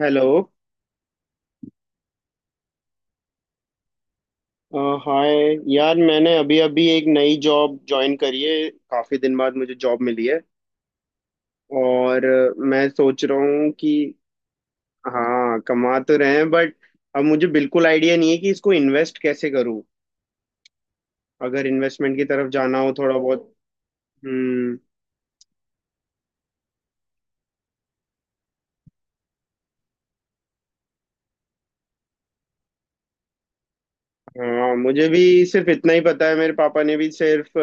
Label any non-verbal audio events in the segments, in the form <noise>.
Hello. अ, hi. यार, मैंने अभी अभी एक नई जॉब ज्वाइन करी है। काफी दिन बाद मुझे जॉब मिली है। और मैं सोच रहा हूँ कि हाँ, कमा तो रहे हैं बट अब मुझे बिल्कुल आइडिया नहीं है कि इसको इन्वेस्ट कैसे करूँ। अगर इन्वेस्टमेंट की तरफ जाना हो थोड़ा बहुत। हम्म। हाँ, मुझे भी सिर्फ इतना ही पता है, मेरे पापा ने भी सिर्फ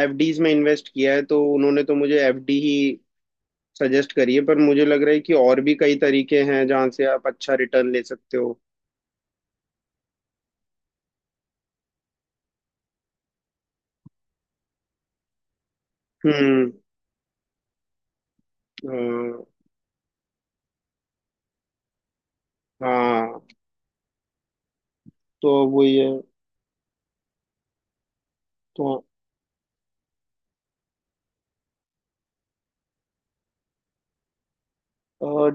एफडीज में इन्वेस्ट किया है, तो उन्होंने तो मुझे एफडी ही सजेस्ट करी है। पर मुझे लग रहा है कि और भी कई तरीके हैं जहाँ से आप अच्छा रिटर्न ले सकते हो। हम्म। अ, हाँ। तो वो ये तो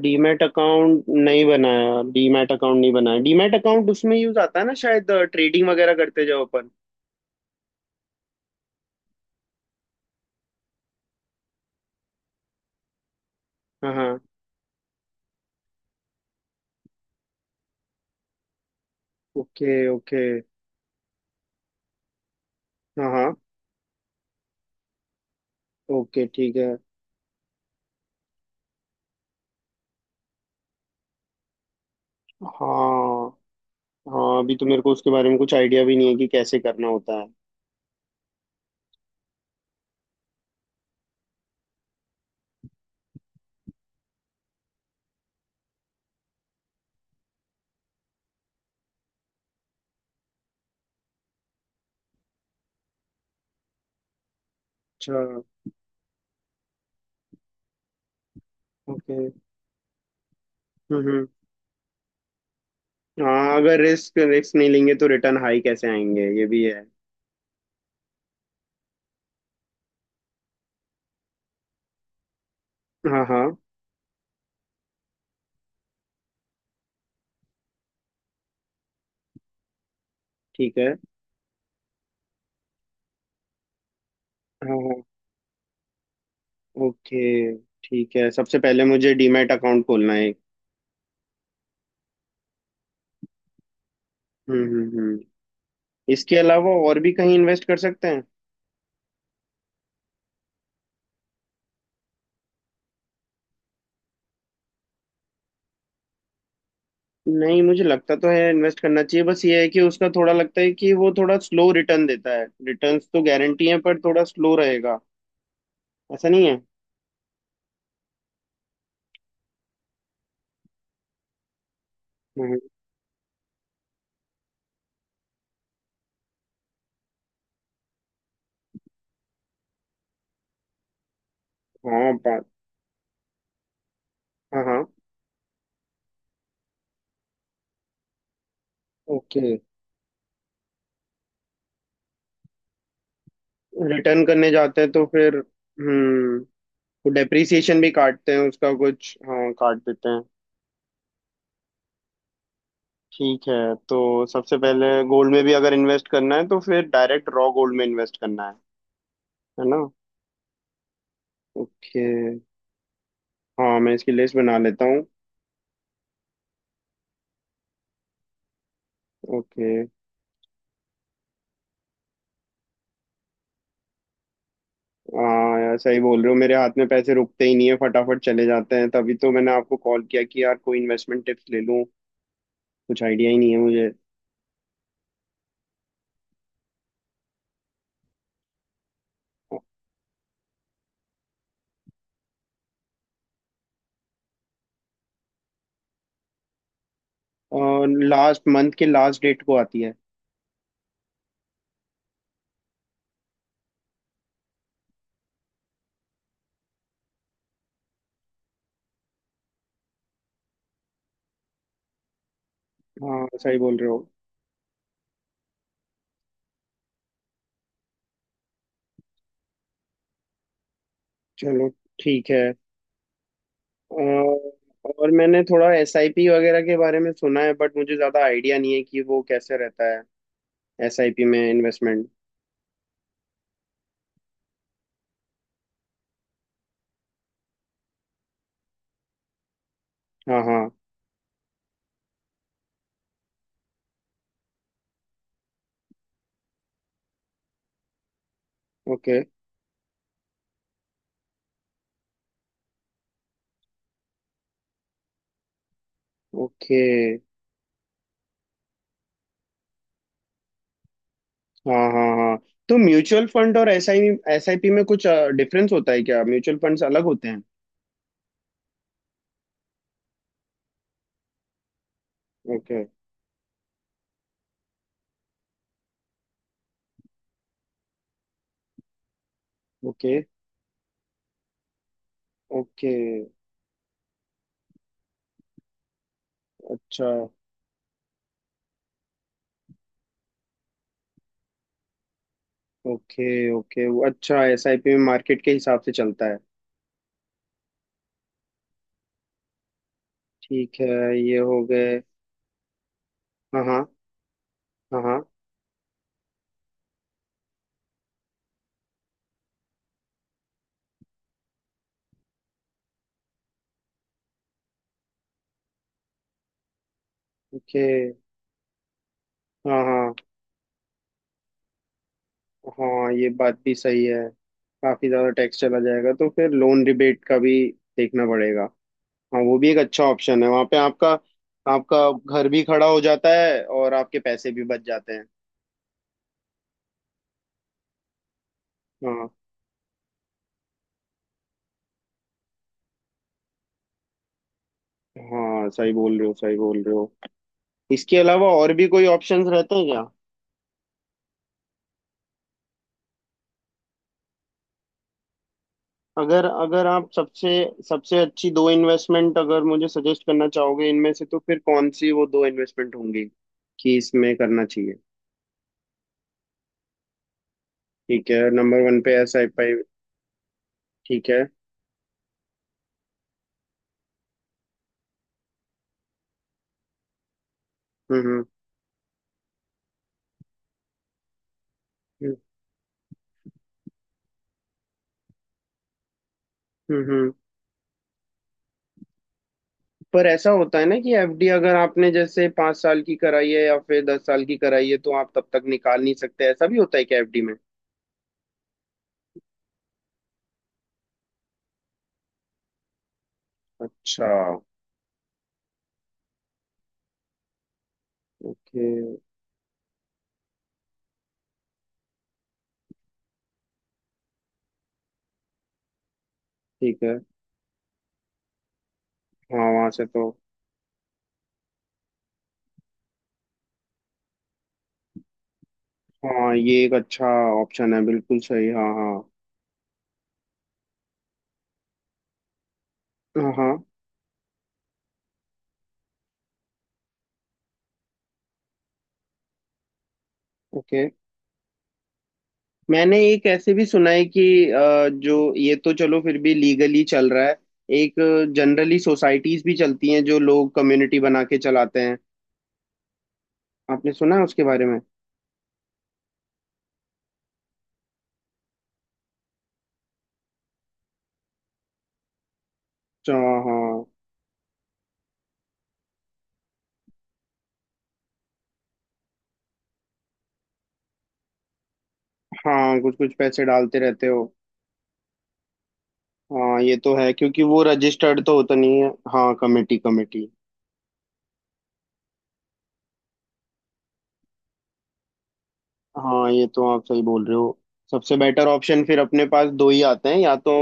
डीमैट अकाउंट नहीं बनाया, डीमैट अकाउंट नहीं बनाया। डीमैट अकाउंट उसमें यूज आता है ना, शायद ट्रेडिंग वगैरह करते जाओ अपन। हाँ हाँ। Okay okay. हाँ हाँ। ओके, ठीक है। हाँ हाँ, अभी तो मेरे को उसके बारे में कुछ आइडिया भी नहीं है कि कैसे करना होता है। अच्छा। ओके। हम्म। हाँ, अगर रिस्क रिस्क नहीं लेंगे तो रिटर्न हाई कैसे आएंगे, ये भी है। हाँ हाँ। ठीक है। हाँ हाँ। ओके। ठीक है, सबसे पहले मुझे डीमैट अकाउंट खोलना है एक। हम्म। इसके अलावा और भी कहीं इन्वेस्ट कर सकते हैं? नहीं, मुझे लगता तो है इन्वेस्ट करना चाहिए, बस ये है कि उसका थोड़ा लगता है कि वो थोड़ा स्लो रिटर्न देता है। रिटर्न्स तो गारंटी है पर थोड़ा स्लो रहेगा, ऐसा नहीं है। हम्म, हाँ बात। हाँ हाँ। ओके, रिटर्न करने जाते हैं तो फिर हम्म। डेप्रिसिएशन भी काटते हैं उसका कुछ, हाँ काट देते हैं। ठीक है, तो सबसे पहले गोल्ड में भी अगर इन्वेस्ट करना है तो फिर डायरेक्ट रॉ गोल्ड में इन्वेस्ट करना है ना? ओके। हाँ, मैं इसकी लिस्ट बना लेता हूँ। ओके। हाँ यार, सही बोल रहे हो, मेरे हाथ में पैसे रुकते ही नहीं है, फटाफट चले जाते हैं। तभी तो मैंने आपको कॉल किया कि यार, कोई इन्वेस्टमेंट टिप्स ले लूँ। कुछ आइडिया ही नहीं है मुझे। और लास्ट मंथ के लास्ट डेट को आती है। हाँ, सही बोल रहे हो। चलो, ठीक है। और मैंने थोड़ा एसआईपी वगैरह के बारे में सुना है बट मुझे ज़्यादा आइडिया नहीं है कि वो कैसे रहता है। एसआईपी में इन्वेस्टमेंट। हाँ हाँ। Okay okay. हाँ हाँ हाँ। तो म्यूचुअल फंड और एसआईपी में कुछ डिफरेंस होता है क्या? म्यूचुअल फंड्स अलग होते हैं? ओके। ओके। ओके। अच्छा। ओके। ओके, वो अच्छा, एसआईपी में मार्केट के हिसाब से चलता है। ठीक है, ये हो गए। हाँ हाँ। हाँ हाँ। ओके। हाँ हाँ। हाँ, ये बात भी सही है। काफी ज्यादा टैक्स चला जाएगा, तो फिर लोन रिबेट का भी देखना पड़ेगा। हाँ, वो भी एक अच्छा ऑप्शन है, वहां पे आपका। आपका घर भी खड़ा हो जाता है और आपके पैसे भी बच जाते हैं। हाँ। हाँ सही बोल रहे हो, सही बोल रहे हो। इसके अलावा और भी कोई ऑप्शंस रहते हैं क्या? अगर अगर आप सबसे सबसे अच्छी दो इन्वेस्टमेंट अगर मुझे सजेस्ट करना चाहोगे इनमें से, तो फिर कौन सी वो दो इन्वेस्टमेंट होंगी कि इसमें करना चाहिए? ठीक है, नंबर 1 पे एसआईपी। ठीक है। हम्म हम्म। हम्म। हम्म, हम्म। पर ऐसा होता है ना कि एफडी अगर आपने जैसे 5 साल की कराई है या फिर 10 साल की कराई है, तो आप तब तक निकाल नहीं सकते? ऐसा भी होता है क्या एफडी में? अच्छा। ओके। ठीक है। हाँ, वहां से तो। हाँ, ये एक अच्छा ऑप्शन है, बिल्कुल सही। हाँ हाँ। हाँ हाँ। ओके, मैंने एक ऐसे भी सुना है कि जो ये तो चलो फिर भी लीगली चल रहा है। एक जनरली सोसाइटीज भी चलती हैं जो लोग कम्युनिटी बना के चलाते हैं। आपने सुना है उसके बारे में? अच्छा, हाँ हाँ। हाँ, कुछ कुछ पैसे डालते रहते हो। हाँ ये तो है, क्योंकि वो रजिस्टर्ड तो होता नहीं है। हाँ, कमेटी कमेटी। हाँ, ये तो आप सही बोल रहे हो। सबसे बेटर ऑप्शन फिर अपने पास दो ही आते हैं, या तो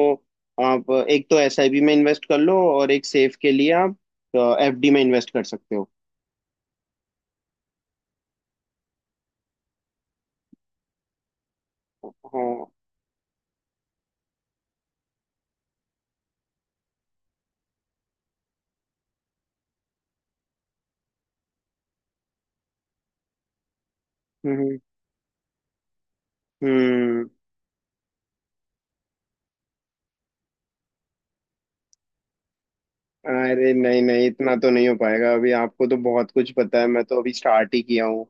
आप एक तो एसआईपी में इन्वेस्ट कर लो और एक सेफ के लिए आप एफडी में इन्वेस्ट कर सकते हो। हाँ। हम्म हम्म। अरे नहीं नहीं, इतना तो नहीं हो पाएगा अभी। आपको तो बहुत कुछ पता है, मैं तो अभी स्टार्ट ही किया हूँ।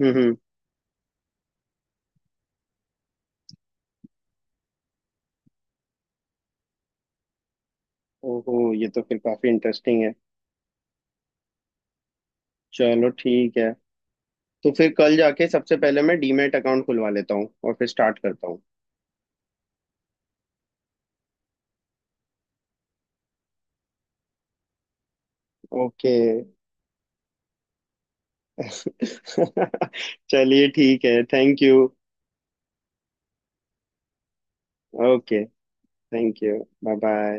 हम्म। ओहो, ये तो फिर काफी इंटरेस्टिंग है। चलो ठीक है, तो फिर कल जाके सबसे पहले मैं डीमैट अकाउंट खुलवा लेता हूँ और फिर स्टार्ट करता हूँ। ओके। <laughs> चलिए ठीक है, thank you. Okay. Thank you. Bye bye.